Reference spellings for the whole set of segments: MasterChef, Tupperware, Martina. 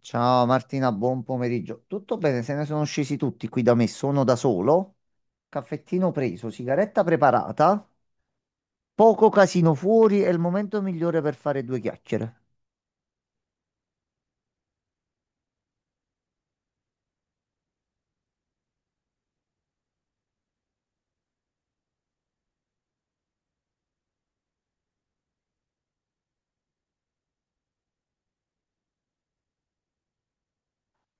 Ciao Martina, buon pomeriggio. Tutto bene? Se ne sono scesi tutti qui da me. Sono da solo. Caffettino preso, sigaretta preparata, poco casino fuori. È il momento migliore per fare due chiacchiere.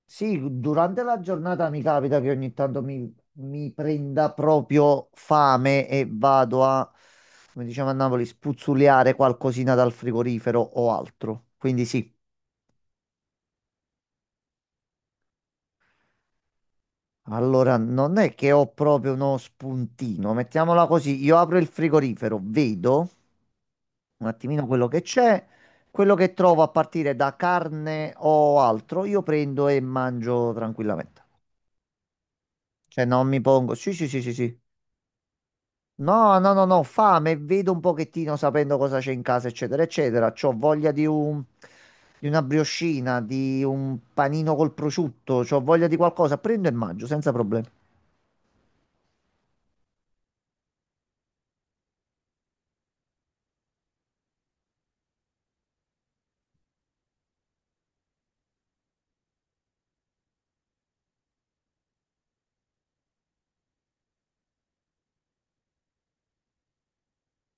Sì, durante la giornata mi capita che ogni tanto mi prenda proprio fame e vado a, come diciamo a Napoli, spuzzuliare qualcosina dal frigorifero o altro. Quindi sì. Allora, non è che ho proprio uno spuntino, mettiamola così, io apro il frigorifero, vedo un attimino quello che c'è, quello che trovo a partire da carne o altro, io prendo e mangio tranquillamente. Cioè non mi pongo, sì, sì, sì, sì, sì. No, no, no, no, fame, vedo un pochettino sapendo cosa c'è in casa, eccetera, eccetera. C'ho voglia di un, di una briochina, di un panino col prosciutto, c'ho voglia di qualcosa, prendo e mangio senza problemi.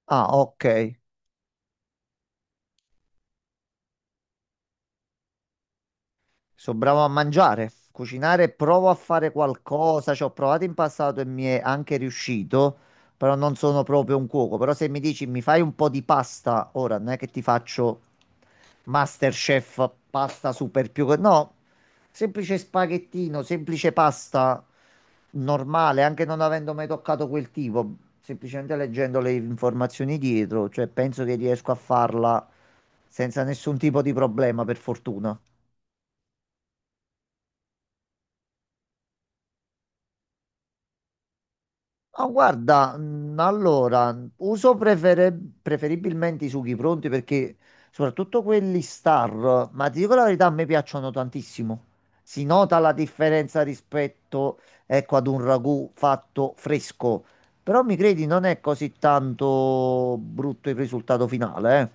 Ah, ok. Sono bravo a mangiare, cucinare, provo a fare qualcosa, ci ho provato in passato e mi è anche riuscito, però non sono proprio un cuoco. Però se mi dici mi fai un po' di pasta, ora non è che ti faccio MasterChef, pasta super più... che- No, semplice spaghettino, semplice pasta normale, anche non avendo mai toccato quel tipo, semplicemente leggendo le informazioni dietro, cioè penso che riesco a farla senza nessun tipo di problema, per fortuna. Ma guarda, allora, uso preferibilmente i sughi pronti perché soprattutto quelli star, ma ti dico la verità, a me piacciono tantissimo. Si nota la differenza rispetto, ecco, ad un ragù fatto fresco, però mi credi, non è così tanto brutto il risultato finale, eh?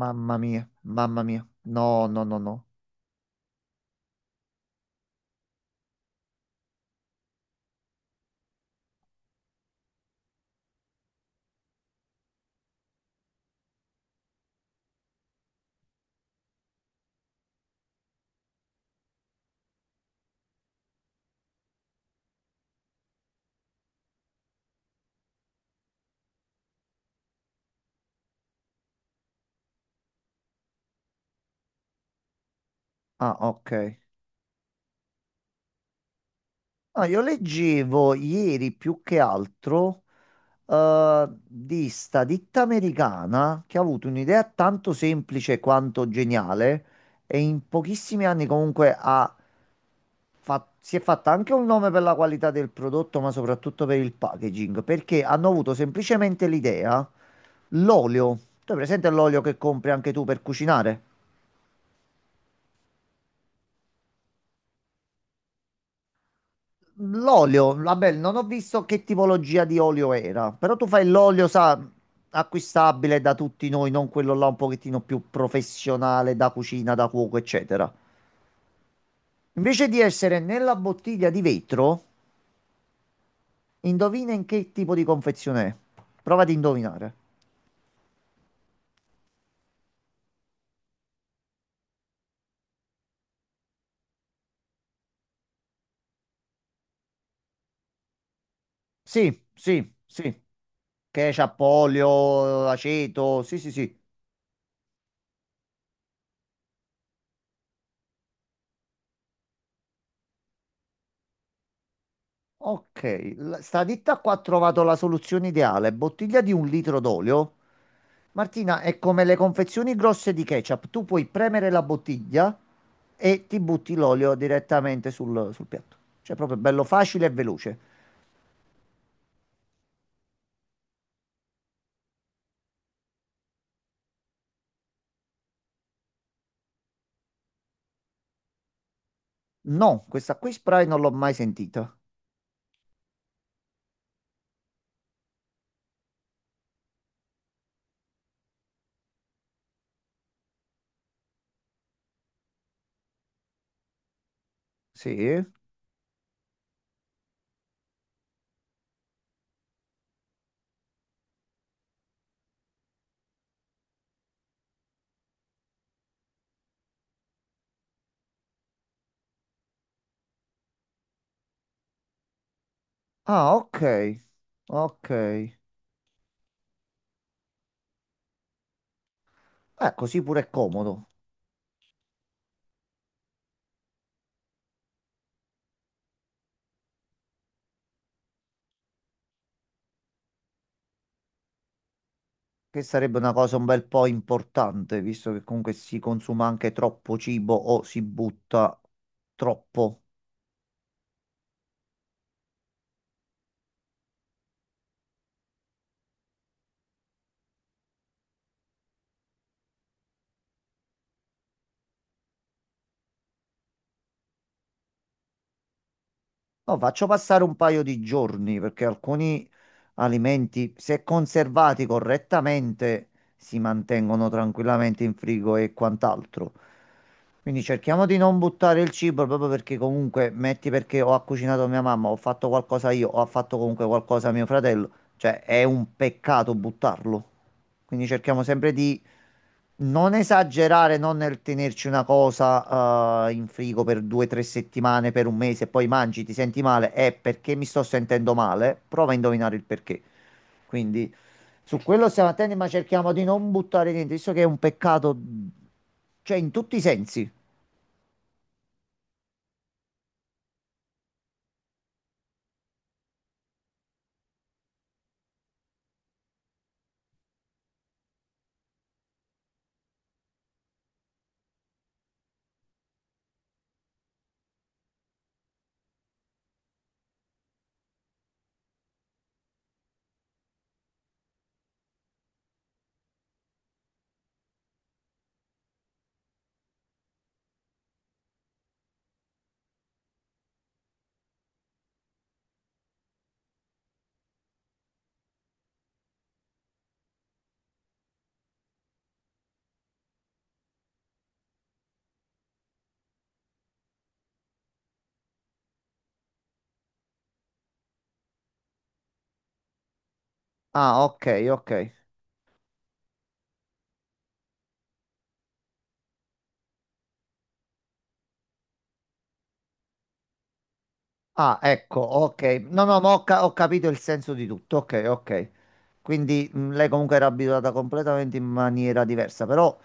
Mamma mia, mamma mia. No, no, no, no. Ah, ok. Ah, io leggevo ieri più che altro. Eh, di sta ditta americana che ha avuto un'idea tanto semplice quanto geniale e in pochissimi anni comunque ha si è fatta anche un nome per la qualità del prodotto, ma soprattutto per il packaging, perché hanno avuto semplicemente l'idea, l'olio, tu hai presente l'olio che compri anche tu per cucinare? L'olio, vabbè, non ho visto che tipologia di olio era, però tu fai l'olio, sa, acquistabile da tutti noi, non quello là un pochettino più professionale da cucina, da cuoco, eccetera. Invece di essere nella bottiglia di vetro, indovina in che tipo di confezione è. Prova ad indovinare. Sì, sì, sì. Ketchup, olio, aceto, sì, sì, sì. Ok, sta ditta qua ha trovato la soluzione ideale. Bottiglia di un litro d'olio, Martina, è come le confezioni grosse di ketchup. Tu puoi premere la bottiglia e ti butti l'olio direttamente sul, sul piatto. Cioè, proprio bello facile e veloce. No, questa qui spray non l'ho mai sentita. Sì. Ah, ok. Ok. Così pure è comodo. Che sarebbe una cosa un bel po' importante, visto che comunque si consuma anche troppo cibo o si butta troppo. No, faccio passare un paio di giorni perché alcuni alimenti, se conservati correttamente, si mantengono tranquillamente in frigo e quant'altro. Quindi cerchiamo di non buttare il cibo proprio perché comunque, metti perché ho cucinato mia mamma, ho fatto qualcosa io, ho fatto comunque qualcosa mio fratello, cioè è un peccato buttarlo. Quindi cerchiamo sempre di non esagerare, non nel tenerci una cosa in frigo per due o tre settimane, per un mese, e poi mangi, ti senti male, è perché mi sto sentendo male, prova a indovinare il perché. Quindi su quello stiamo attenti, ma cerchiamo di non buttare niente, visto che è un peccato, cioè in tutti i sensi. Ah, ok, ok. Ah, ecco, ok. No, no, ho capito il senso di tutto. Ok, ok. Quindi lei comunque era abituata completamente in maniera diversa, però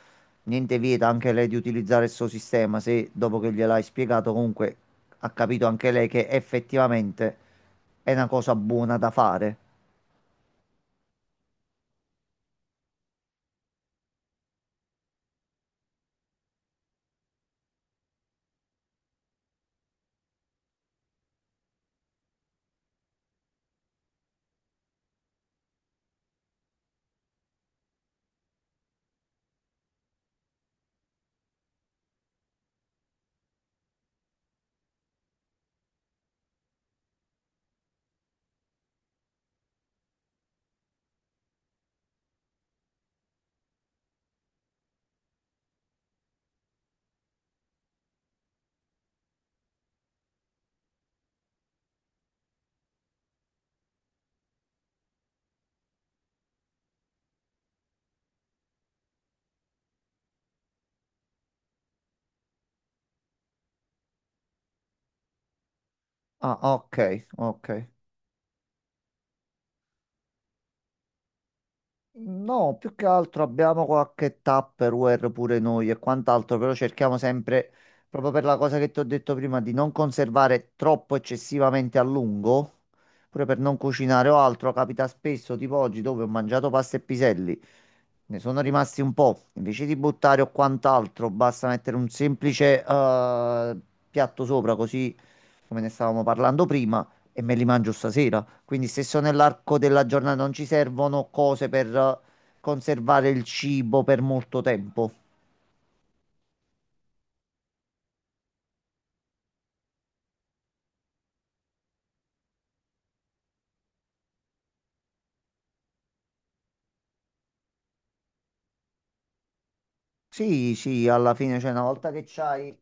niente vieta anche lei di utilizzare il suo sistema, se dopo che gliel'hai spiegato comunque ha capito anche lei che effettivamente è una cosa buona da fare. Ah, ok, ok. No, più che altro abbiamo qualche Tupperware pure noi e quant'altro, però cerchiamo sempre, proprio per la cosa che ti ho detto prima, di non conservare troppo eccessivamente a lungo, pure per non cucinare o altro. Capita spesso, tipo oggi, dove ho mangiato pasta e piselli, ne sono rimasti un po'. Invece di buttare o quant'altro, basta mettere un semplice piatto sopra, così come ne stavamo parlando prima e me li mangio stasera. Quindi se sono nell'arco della giornata non ci servono cose per conservare il cibo per molto tempo. Sì, sì, alla fine, cioè, una volta che c'hai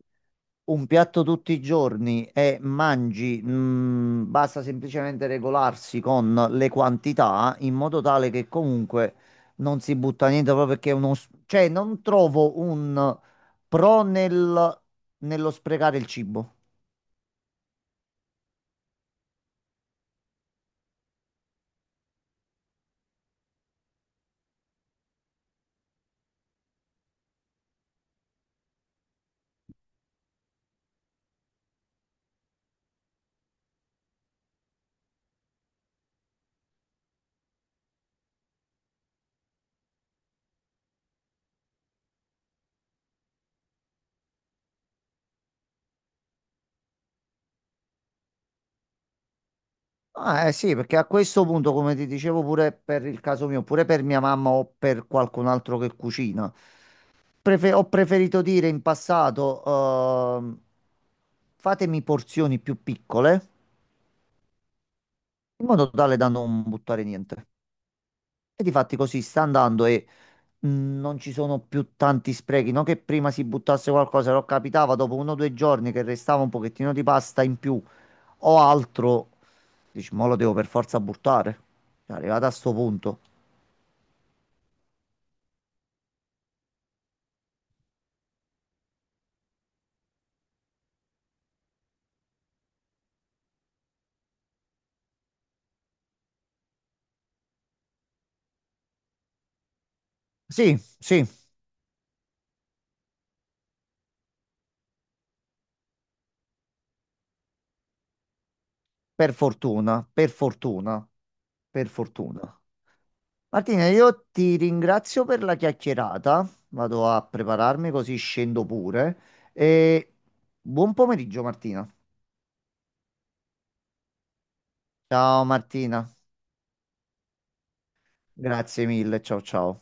un piatto tutti i giorni e mangi, basta semplicemente regolarsi con le quantità in modo tale che comunque non si butta niente proprio perché è uno... s- Cioè, non trovo un pro nel, nello sprecare il cibo. Ah, eh sì, perché a questo punto, come ti dicevo pure per il caso mio, pure per mia mamma o per qualcun altro che cucina, ho preferito dire in passato, ehm, fatemi porzioni più piccole, in modo tale da non buttare niente. E difatti così sta andando e mh, non ci sono più tanti sprechi, non che prima si buttasse qualcosa, però capitava dopo uno o due giorni che restava un pochettino di pasta in più o altro, dici, ma lo devo per forza buttare. È arrivato a sto punto. Sì, sì, per fortuna, per fortuna, per fortuna. Martina, io ti ringrazio per la chiacchierata. Vado a prepararmi così scendo pure. E buon pomeriggio, Martina. Ciao Martina, grazie mille, ciao ciao.